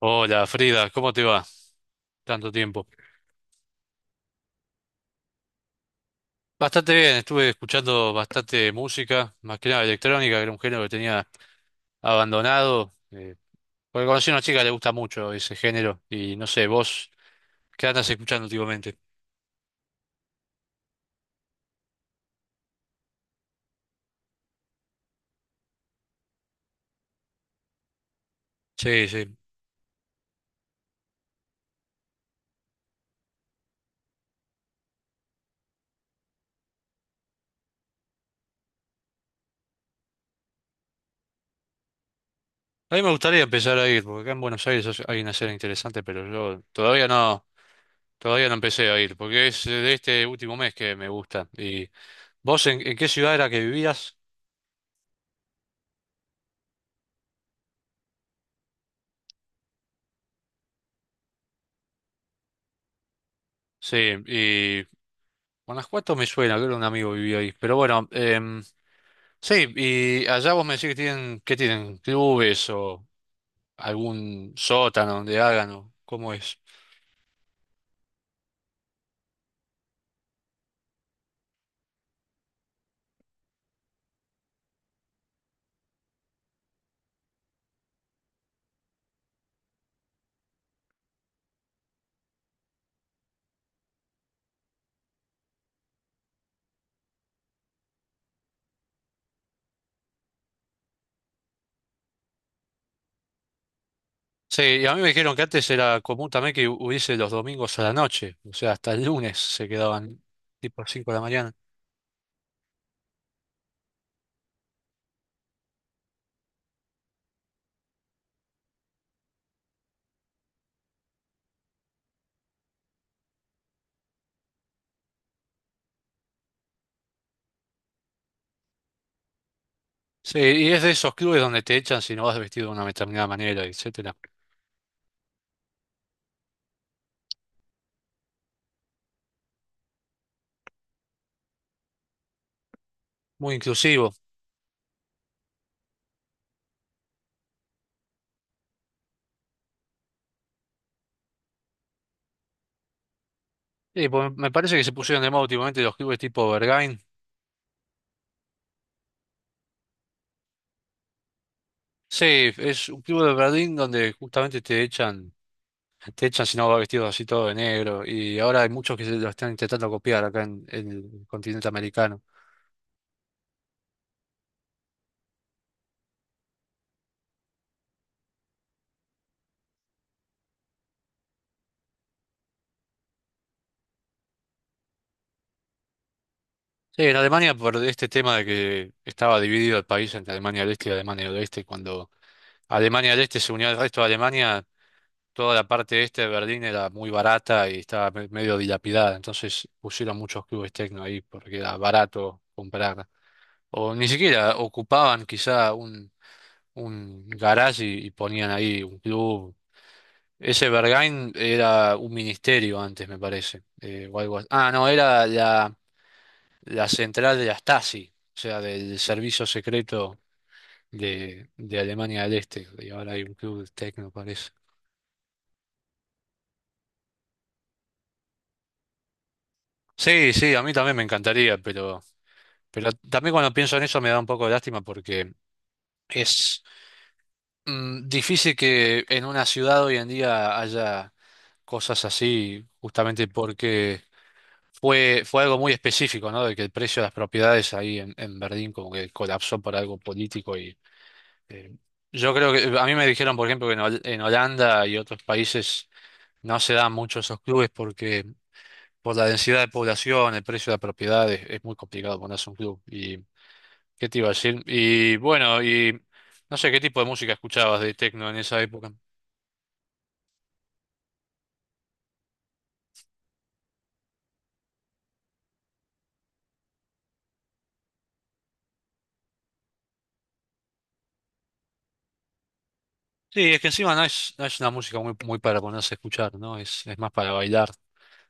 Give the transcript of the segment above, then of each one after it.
Hola Frida, ¿cómo te va? Tanto tiempo. Bastante bien, estuve escuchando bastante música, más que nada electrónica, que era un género que tenía abandonado, porque conocí a una chica que le gusta mucho ese género, y no sé, vos, ¿qué andas escuchando últimamente? Sí, sí. A mí me gustaría empezar a ir, porque acá en Buenos Aires hay una escena interesante, pero yo todavía no empecé a ir, porque es de este último mes que me gusta. ¿Y vos en qué ciudad era que vivías? Sí, y Guanajuato me suena, creo que un amigo vivía ahí, pero bueno, sí, y allá vos me decís que tienen clubes o algún sótano donde hagan o cómo es. Sí, y a mí me dijeron que antes era común también que hubiese los domingos a la noche, o sea, hasta el lunes se quedaban tipo 5 de la mañana. Sí, y es de esos clubes donde te echan si no vas vestido de una determinada manera, etcétera. Muy inclusivo. Sí, pues me parece que se pusieron de moda últimamente los clubes tipo Berghain. Sí, es un club de Berlín donde justamente te echan. Te echan si no va vestido así todo de negro. Y ahora hay muchos que se lo están intentando copiar acá en el continente americano. Sí, en Alemania por este tema de que estaba dividido el país entre Alemania del Este y Alemania del Oeste. Cuando Alemania del Este se unió al resto de Alemania, toda la parte este de Berlín era muy barata y estaba medio dilapidada. Entonces pusieron muchos clubes techno ahí porque era barato comprar. O ni siquiera ocupaban quizá un garage y ponían ahí un club. Ese Berghain era un ministerio antes, me parece, o algo así. Ah, no, era la central de la Stasi, o sea, del servicio secreto de Alemania del Este. Y ahora hay un club de techno, parece. Sí, sí, a mí también me encantaría, pero también cuando pienso en eso me da un poco de lástima porque es difícil que en una ciudad hoy en día haya cosas así, justamente porque fue algo muy específico, ¿no? De que el precio de las propiedades ahí en Berlín como que colapsó por algo político y eh, yo creo que a mí me dijeron, por ejemplo, que en Holanda y otros países no se dan mucho esos clubes porque por la densidad de población, el precio de las propiedades, es muy complicado ponerse un club. ¿Y qué te iba a decir? Y bueno, y no sé qué tipo de música escuchabas de techno en esa época. Sí, es que encima no es, no es una música muy, muy para ponerse a escuchar, ¿no? Es más para bailar.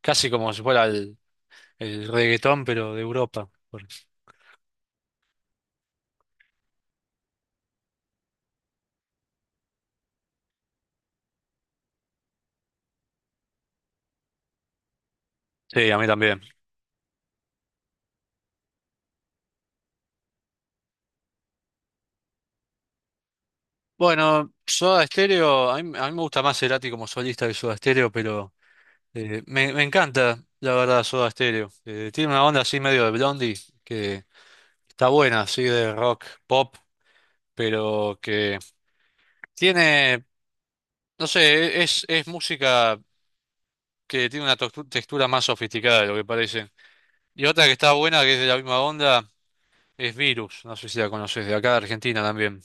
Casi como si fuera el reggaetón, pero de Europa. Por... Sí, a mí también. Bueno, Soda Stereo, a mí me gusta más Cerati como solista que Soda Stereo, pero me, me encanta, la verdad, Soda Stereo. Tiene una onda así medio de Blondie, que está buena, así de rock, pop, pero que tiene, no sé, es música que tiene una textura más sofisticada de lo que parece. Y otra que está buena, que es de la misma onda, es Virus, no sé si la conoces, de acá de Argentina también.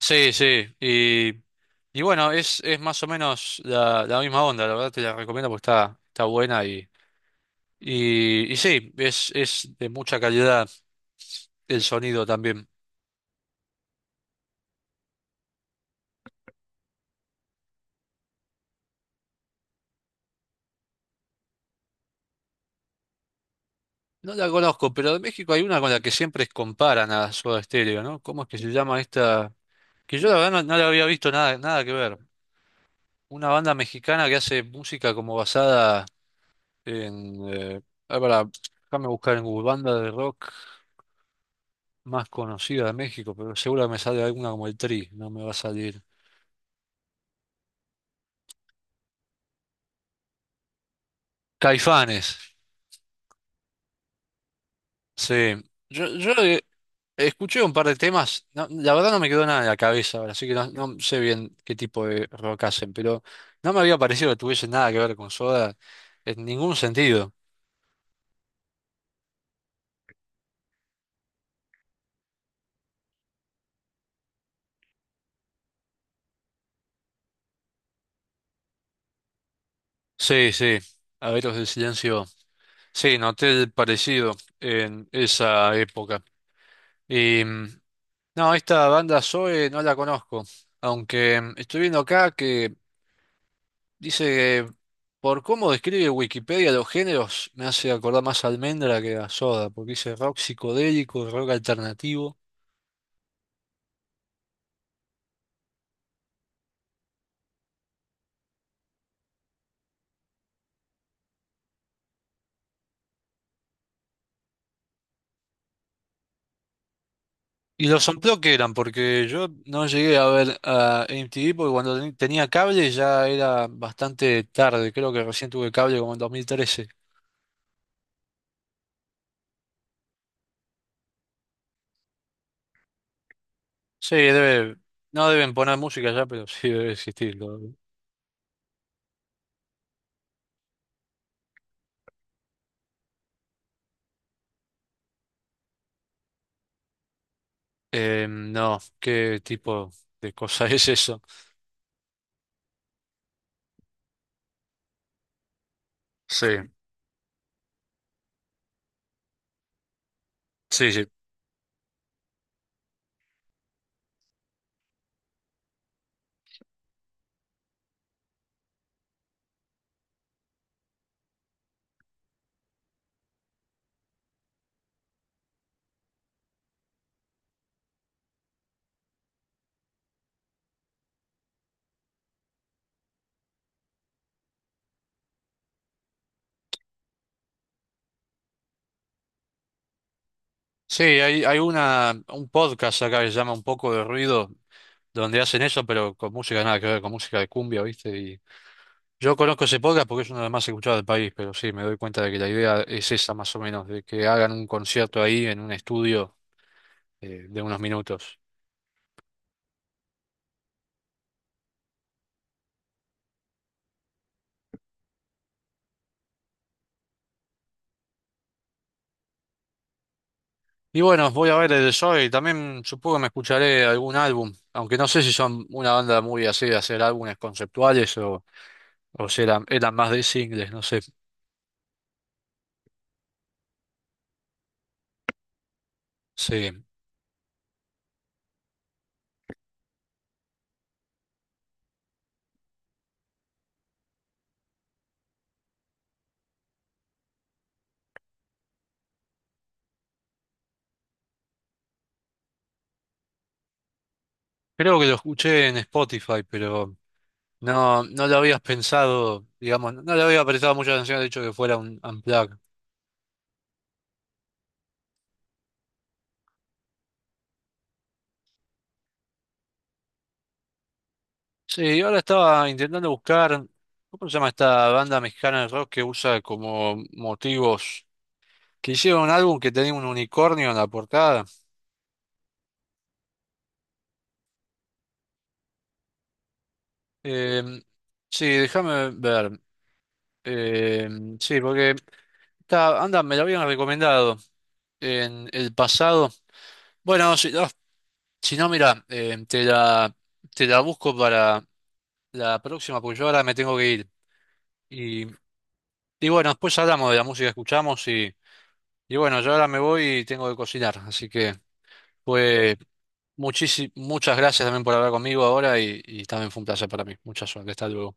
Sí, sí. Y bueno, es más o menos la misma onda, la verdad te la recomiendo porque está, está buena y sí, es de mucha calidad el sonido también. No la conozco, pero de México hay una con la que siempre comparan a Soda Stereo, ¿no? ¿Cómo es que se llama esta? Que yo la verdad no, no la había visto nada, nada que ver. Una banda mexicana que hace música como basada en... ah, pará, déjame buscar en Google, banda de rock más conocida de México, pero seguro que me sale alguna como el Tri, no me va a salir. Caifanes, sí. Yo, yo, eh, escuché un par de temas, no, la verdad no me quedó nada en la cabeza ahora, así que no, no sé bien qué tipo de rock hacen, pero no me había parecido que tuviese nada que ver con Soda en ningún sentido. Sí, sí, Abetos del Silencio. Sí, noté el parecido en esa época. Y no, esta banda Zoe no la conozco, aunque estoy viendo acá que dice que por cómo describe Wikipedia los géneros, me hace acordar más a Almendra que a Soda, porque dice rock psicodélico, rock alternativo. Y los unplugged que eran, porque yo no llegué a ver a MTV porque cuando tenía cable ya era bastante tarde, creo que recién tuve cable como en 2013. Sí, debe, no deben poner música ya, pero sí debe existir todavía. No, ¿qué tipo de cosa es eso? Sí, sí, sí. Sí, hay un podcast acá que se llama Un poco de ruido, donde hacen eso, pero con música nada que ver, con música de cumbia, ¿viste? Y yo conozco ese podcast porque es uno de los más escuchados del país, pero sí, me doy cuenta de que la idea es esa más o menos, de que hagan un concierto ahí en un estudio, de unos minutos. Y bueno, voy a ver el de Zoe, también supongo que me escucharé algún álbum, aunque no sé si son una banda muy así de hacer álbumes conceptuales o si eran, eran más de singles, no sé. Sí. Creo que lo escuché en Spotify, pero... No, no lo habías pensado, digamos, no le había prestado mucha atención al hecho de que fuera un unplugged. Sí, ahora estaba intentando buscar, ¿cómo se llama esta banda mexicana de rock que usa como motivos? Que hicieron un álbum que tenía un unicornio en la portada. Eh, sí, déjame ver. Eh, sí, porque esta banda me la habían recomendado en el pasado. Bueno, si no, si no, mira, te te la busco para la próxima, porque yo ahora me tengo que ir. Y bueno, después hablamos de la música que escuchamos y bueno, yo ahora me voy y tengo que cocinar. Así que fue muchísimas, muchas gracias también por hablar conmigo ahora y también fue un placer para mí. Mucha suerte. Hasta luego.